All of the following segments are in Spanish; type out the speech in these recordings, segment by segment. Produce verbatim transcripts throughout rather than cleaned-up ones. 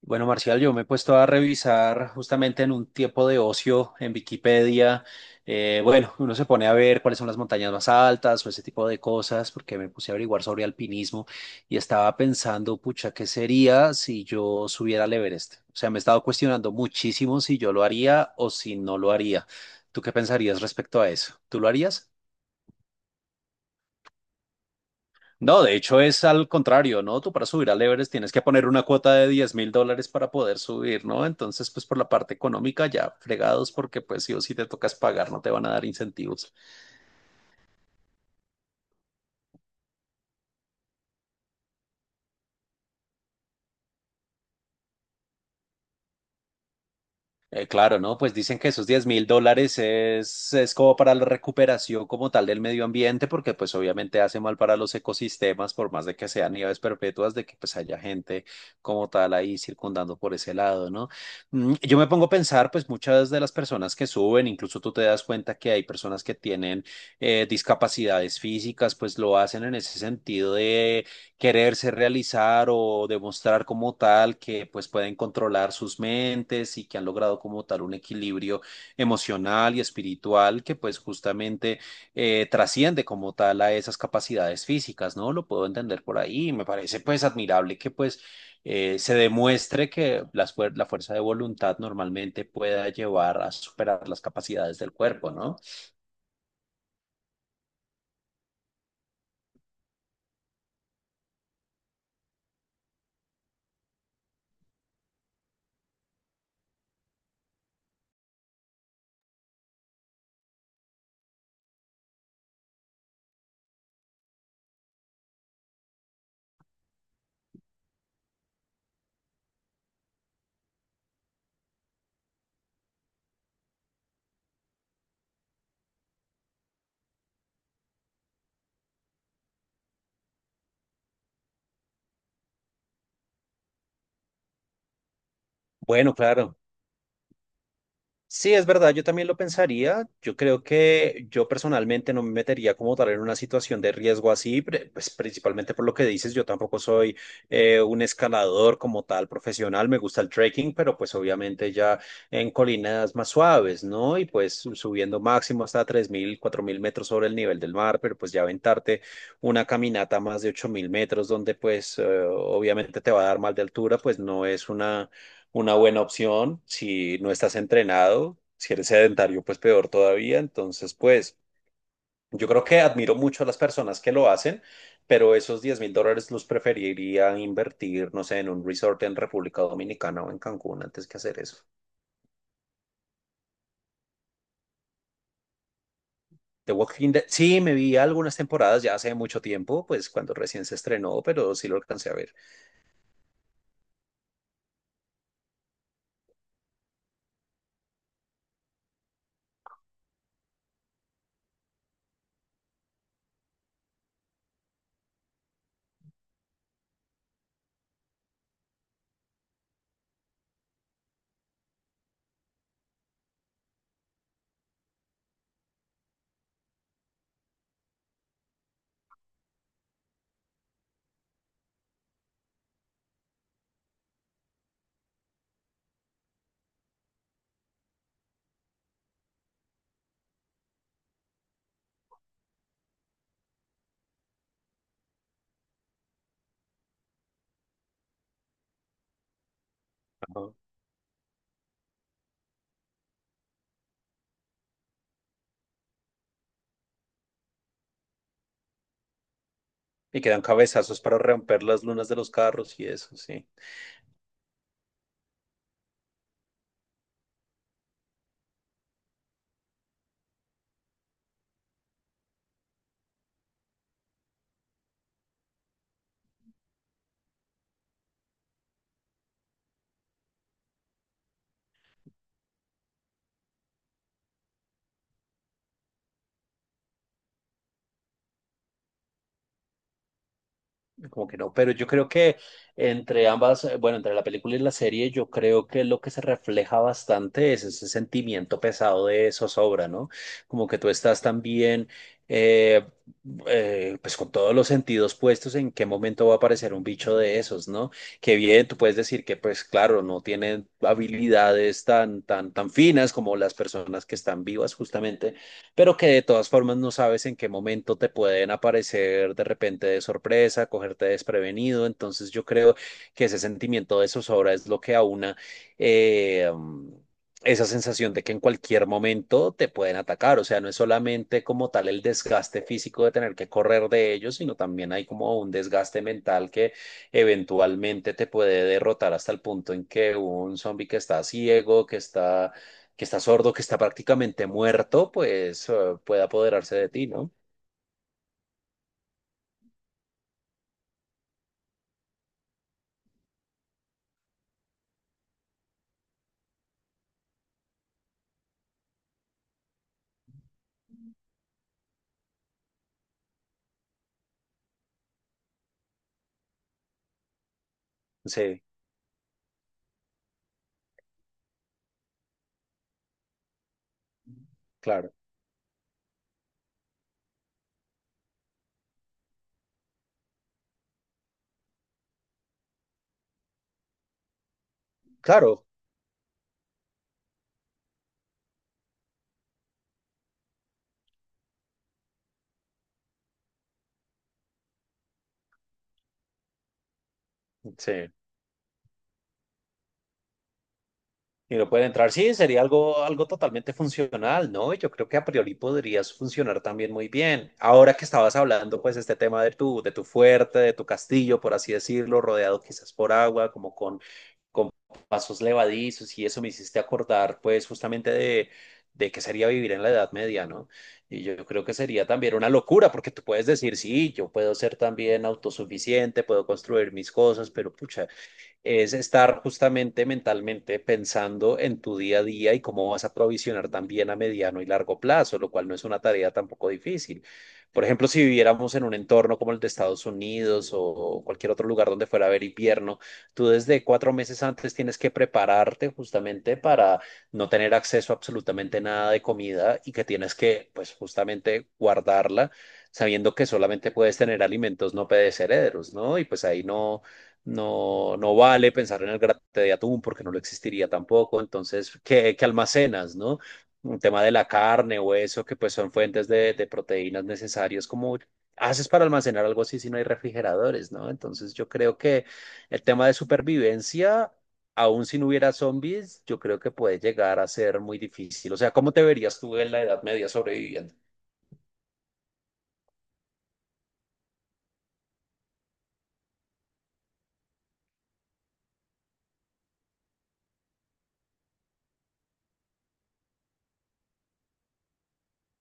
Bueno, Marcial, yo me he puesto a revisar justamente en un tiempo de ocio en Wikipedia. Eh, bueno, uno se pone a ver cuáles son las montañas más altas o ese tipo de cosas, porque me puse a averiguar sobre alpinismo y estaba pensando, pucha, ¿qué sería si yo subiera al Everest? O sea, me he estado cuestionando muchísimo si yo lo haría o si no lo haría. ¿Tú qué pensarías respecto a eso? ¿Tú lo harías? No, de hecho es al contrario, ¿no? Tú para subir al Everest tienes que poner una cuota de diez mil dólares para poder subir, ¿no? Entonces, pues por la parte económica ya fregados porque pues sí o sí te tocas pagar, no te van a dar incentivos. Eh, claro, ¿no? Pues dicen que esos diez mil dólares es, es como para la recuperación como tal del medio ambiente, porque pues obviamente hace mal para los ecosistemas, por más de que sean nieves perpetuas, de que pues haya gente como tal ahí circundando por ese lado, ¿no? Mm, yo me pongo a pensar, pues muchas de las personas que suben, incluso tú te das cuenta que hay personas que tienen eh, discapacidades físicas, pues lo hacen en ese sentido de quererse realizar o demostrar como tal que pues pueden controlar sus mentes y que han logrado como tal un equilibrio emocional y espiritual que pues justamente eh, trasciende como tal a esas capacidades físicas, ¿no? Lo puedo entender por ahí. Me parece pues admirable que pues eh, se demuestre que las fuer- la fuerza de voluntad normalmente pueda llevar a superar las capacidades del cuerpo, ¿no? Bueno, claro. Sí, es verdad, yo también lo pensaría. Yo creo que yo personalmente no me metería como tal en una situación de riesgo así, pre- pues principalmente por lo que dices, yo tampoco soy eh, un escalador como tal profesional, me gusta el trekking, pero pues obviamente ya en colinas más suaves, ¿no? Y pues su- subiendo máximo hasta tres mil, cuatro mil metros sobre el nivel del mar, pero pues ya aventarte una caminata a más de ocho mil metros donde pues eh, obviamente te va a dar mal de altura, pues no es una una buena opción. Si no estás entrenado, si eres sedentario, pues peor todavía. Entonces, pues yo creo que admiro mucho a las personas que lo hacen, pero esos diez mil dólares los preferiría invertir, no sé, en un resort en República Dominicana o en Cancún antes que hacer eso. The Walking Dead, sí, me vi algunas temporadas ya hace mucho tiempo, pues cuando recién se estrenó, pero sí lo alcancé a ver. Ajá. Y quedan cabezazos para romper las lunas de los carros y eso, sí. Como que no, pero yo creo que entre ambas, eh, bueno, entre la película y la serie, yo creo que lo que se refleja bastante es ese sentimiento pesado de zozobra, ¿no? Como que tú estás también, eh, eh, pues con todos los sentidos puestos en qué momento va a aparecer un bicho de esos, ¿no? Que bien, tú puedes decir que, pues claro, no tienen habilidades tan, tan, tan finas como las personas que están vivas justamente, pero que de todas formas no sabes en qué momento te pueden aparecer de repente de sorpresa, cogerte desprevenido. Entonces yo creo que ese sentimiento de zozobra es lo que aúna eh, mm, esa sensación de que en cualquier momento te pueden atacar. O sea, no es solamente como tal el desgaste físico de tener que correr de ellos, sino también hay como un desgaste mental que eventualmente te puede derrotar hasta el punto en que un zombie que está ciego, que está que está sordo, que está prácticamente muerto, pues eh, puede apoderarse de ti, ¿no? Sí, claro, claro, sí. Y no puede entrar, sí, sería algo, algo totalmente funcional, ¿no? Yo creo que a priori podrías funcionar también muy bien. Ahora que estabas hablando, pues, este tema de tu, de tu fuerte, de tu castillo, por así decirlo, rodeado quizás por agua, como con con pasos levadizos y eso me hiciste acordar pues justamente de, de qué sería vivir en la Edad Media, ¿no? Y yo creo que sería también una locura porque tú puedes decir, sí, yo puedo ser también autosuficiente, puedo construir mis cosas, pero pucha, es estar justamente mentalmente pensando en tu día a día y cómo vas a provisionar también a mediano y largo plazo, lo cual no es una tarea tampoco difícil. Por ejemplo, si viviéramos en un entorno como el de Estados Unidos o cualquier otro lugar donde fuera a haber invierno, tú desde cuatro meses antes tienes que prepararte justamente para no tener acceso a absolutamente nada de comida y que tienes que, pues, justamente guardarla sabiendo que solamente puedes tener alimentos no perecederos, ¿no? Y pues ahí no, no, no vale pensar en el grate de atún porque no lo existiría tampoco. Entonces, ¿qué, qué almacenas, no? Un tema de la carne o eso, que pues son fuentes de, de proteínas necesarias. Como haces para almacenar algo así si no hay refrigeradores, no? Entonces, yo creo que el tema de supervivencia, aún si no hubiera zombies, yo creo que puede llegar a ser muy difícil. O sea, ¿cómo te verías tú en la Edad Media sobreviviendo?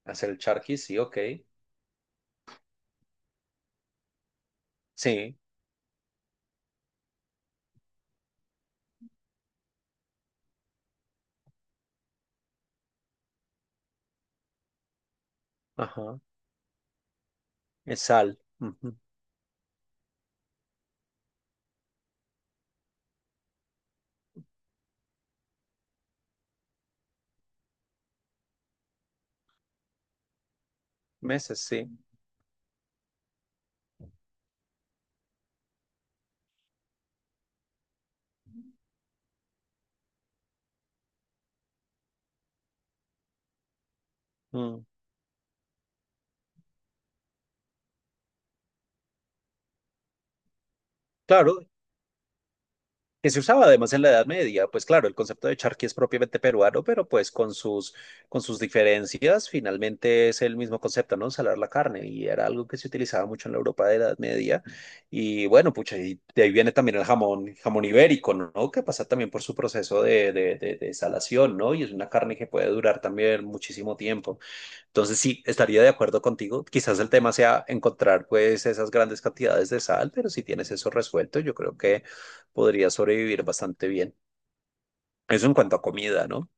¿Hacer el charqui? Sí, ok. Sí, ajá. Es sal. Ujú. Meses, sí. Mm. Claro, que se usaba además en la Edad Media, pues claro, el concepto de charqui es propiamente peruano, pero pues con sus, con sus diferencias finalmente es el mismo concepto, ¿no? Salar la carne y era algo que se utilizaba mucho en la Europa de la Edad Media. Y bueno, pucha, y de ahí viene también el jamón, jamón ibérico, ¿no? Que pasa también por su proceso de, de, de, de salación, ¿no? Y es una carne que puede durar también muchísimo tiempo. Entonces sí, estaría de acuerdo contigo. Quizás el tema sea encontrar pues esas grandes cantidades de sal, pero si tienes eso resuelto, yo creo que podrías sobrevivir bastante bien. Eso en cuanto a comida, ¿no?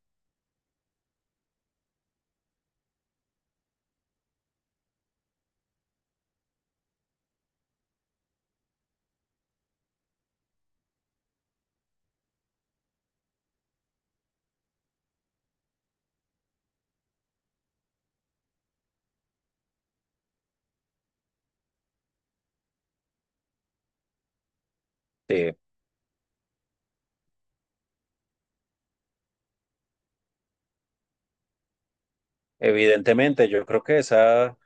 Eh, evidentemente, yo creo que esa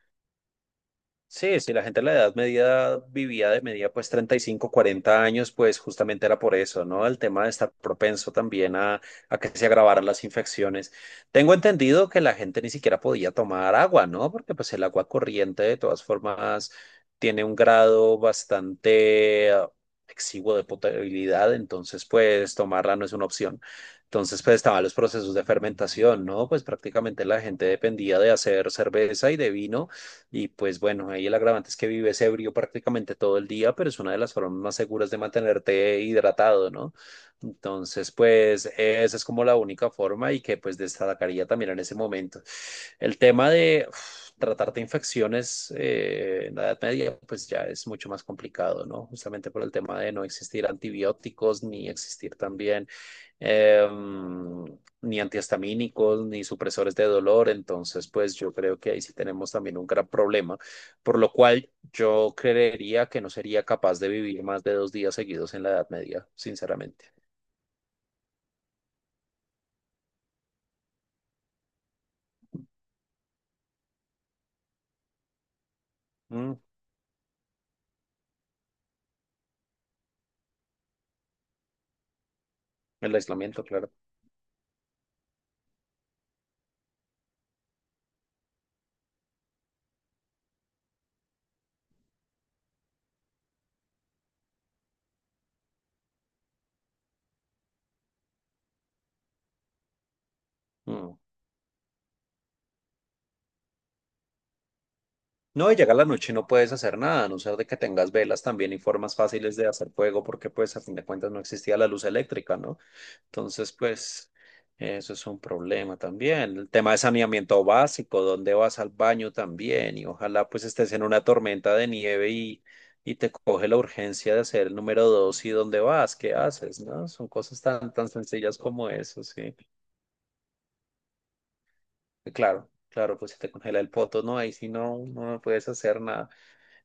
sí, si la gente de la edad media vivía de media pues treinta y cinco, cuarenta años, pues justamente era por eso, ¿no? El tema de estar propenso también a, a que se agravaran las infecciones. Tengo entendido que la gente ni siquiera podía tomar agua, ¿no? Porque pues el agua corriente de todas formas tiene un grado bastante eh, exiguo de potabilidad, entonces pues tomarla no es una opción. Entonces pues estaban los procesos de fermentación, ¿no? Pues prácticamente la gente dependía de hacer cerveza y de vino y pues bueno, ahí el agravante es que vives ebrio prácticamente todo el día, pero es una de las formas más seguras de mantenerte hidratado, ¿no? Entonces, pues esa es como la única forma y que pues destacaría también en ese momento. El tema de uf, tratar de infecciones eh, en la Edad Media, pues ya es mucho más complicado, ¿no? Justamente por el tema de no existir antibióticos ni existir también em, ni antihistamínicos, ni supresores de dolor. Entonces, pues yo creo que ahí sí tenemos también un gran problema, por lo cual yo creería que no sería capaz de vivir más de dos días seguidos en la Edad Media, sinceramente. Mm, el aislamiento, claro. Mm. No, y llega la noche y no puedes hacer nada, a no ser de que tengas velas también y formas fáciles de hacer fuego, porque pues a fin de cuentas no existía la luz eléctrica, ¿no? Entonces, pues, eso es un problema también. El tema de saneamiento básico, dónde vas al baño también, y ojalá pues estés en una tormenta de nieve y, y te coge la urgencia de hacer el número dos y dónde vas, qué haces, ¿no? Son cosas tan, tan sencillas como eso, sí. Y claro, claro, pues si te congela el poto, ¿no? Ahí sí no, no puedes hacer nada.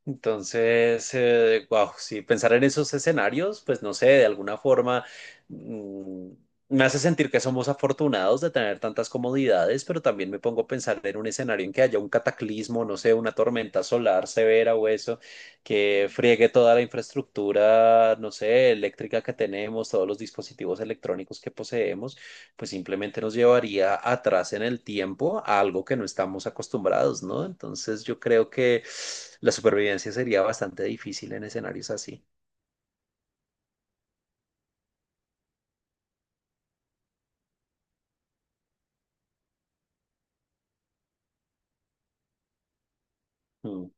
Entonces, eh, wow, sí, pensar en esos escenarios, pues no sé, de alguna forma mm, me hace sentir que somos afortunados de tener tantas comodidades, pero también me pongo a pensar en un escenario en que haya un cataclismo, no sé, una tormenta solar severa o eso, que friegue toda la infraestructura, no sé, eléctrica que tenemos, todos los dispositivos electrónicos que poseemos pues simplemente nos llevaría atrás en el tiempo a algo que no estamos acostumbrados, ¿no? Entonces yo creo que la supervivencia sería bastante difícil en escenarios así. Mm.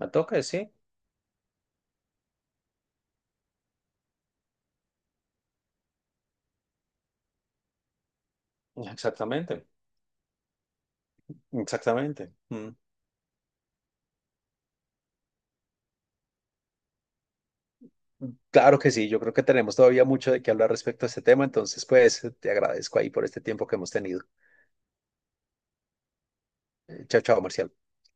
Me toca, sí, exactamente, exactamente. Mm. Claro que sí, yo creo que tenemos todavía mucho de qué hablar respecto a este tema, entonces pues te agradezco ahí por este tiempo que hemos tenido. Eh, Chao, chao, Marcial.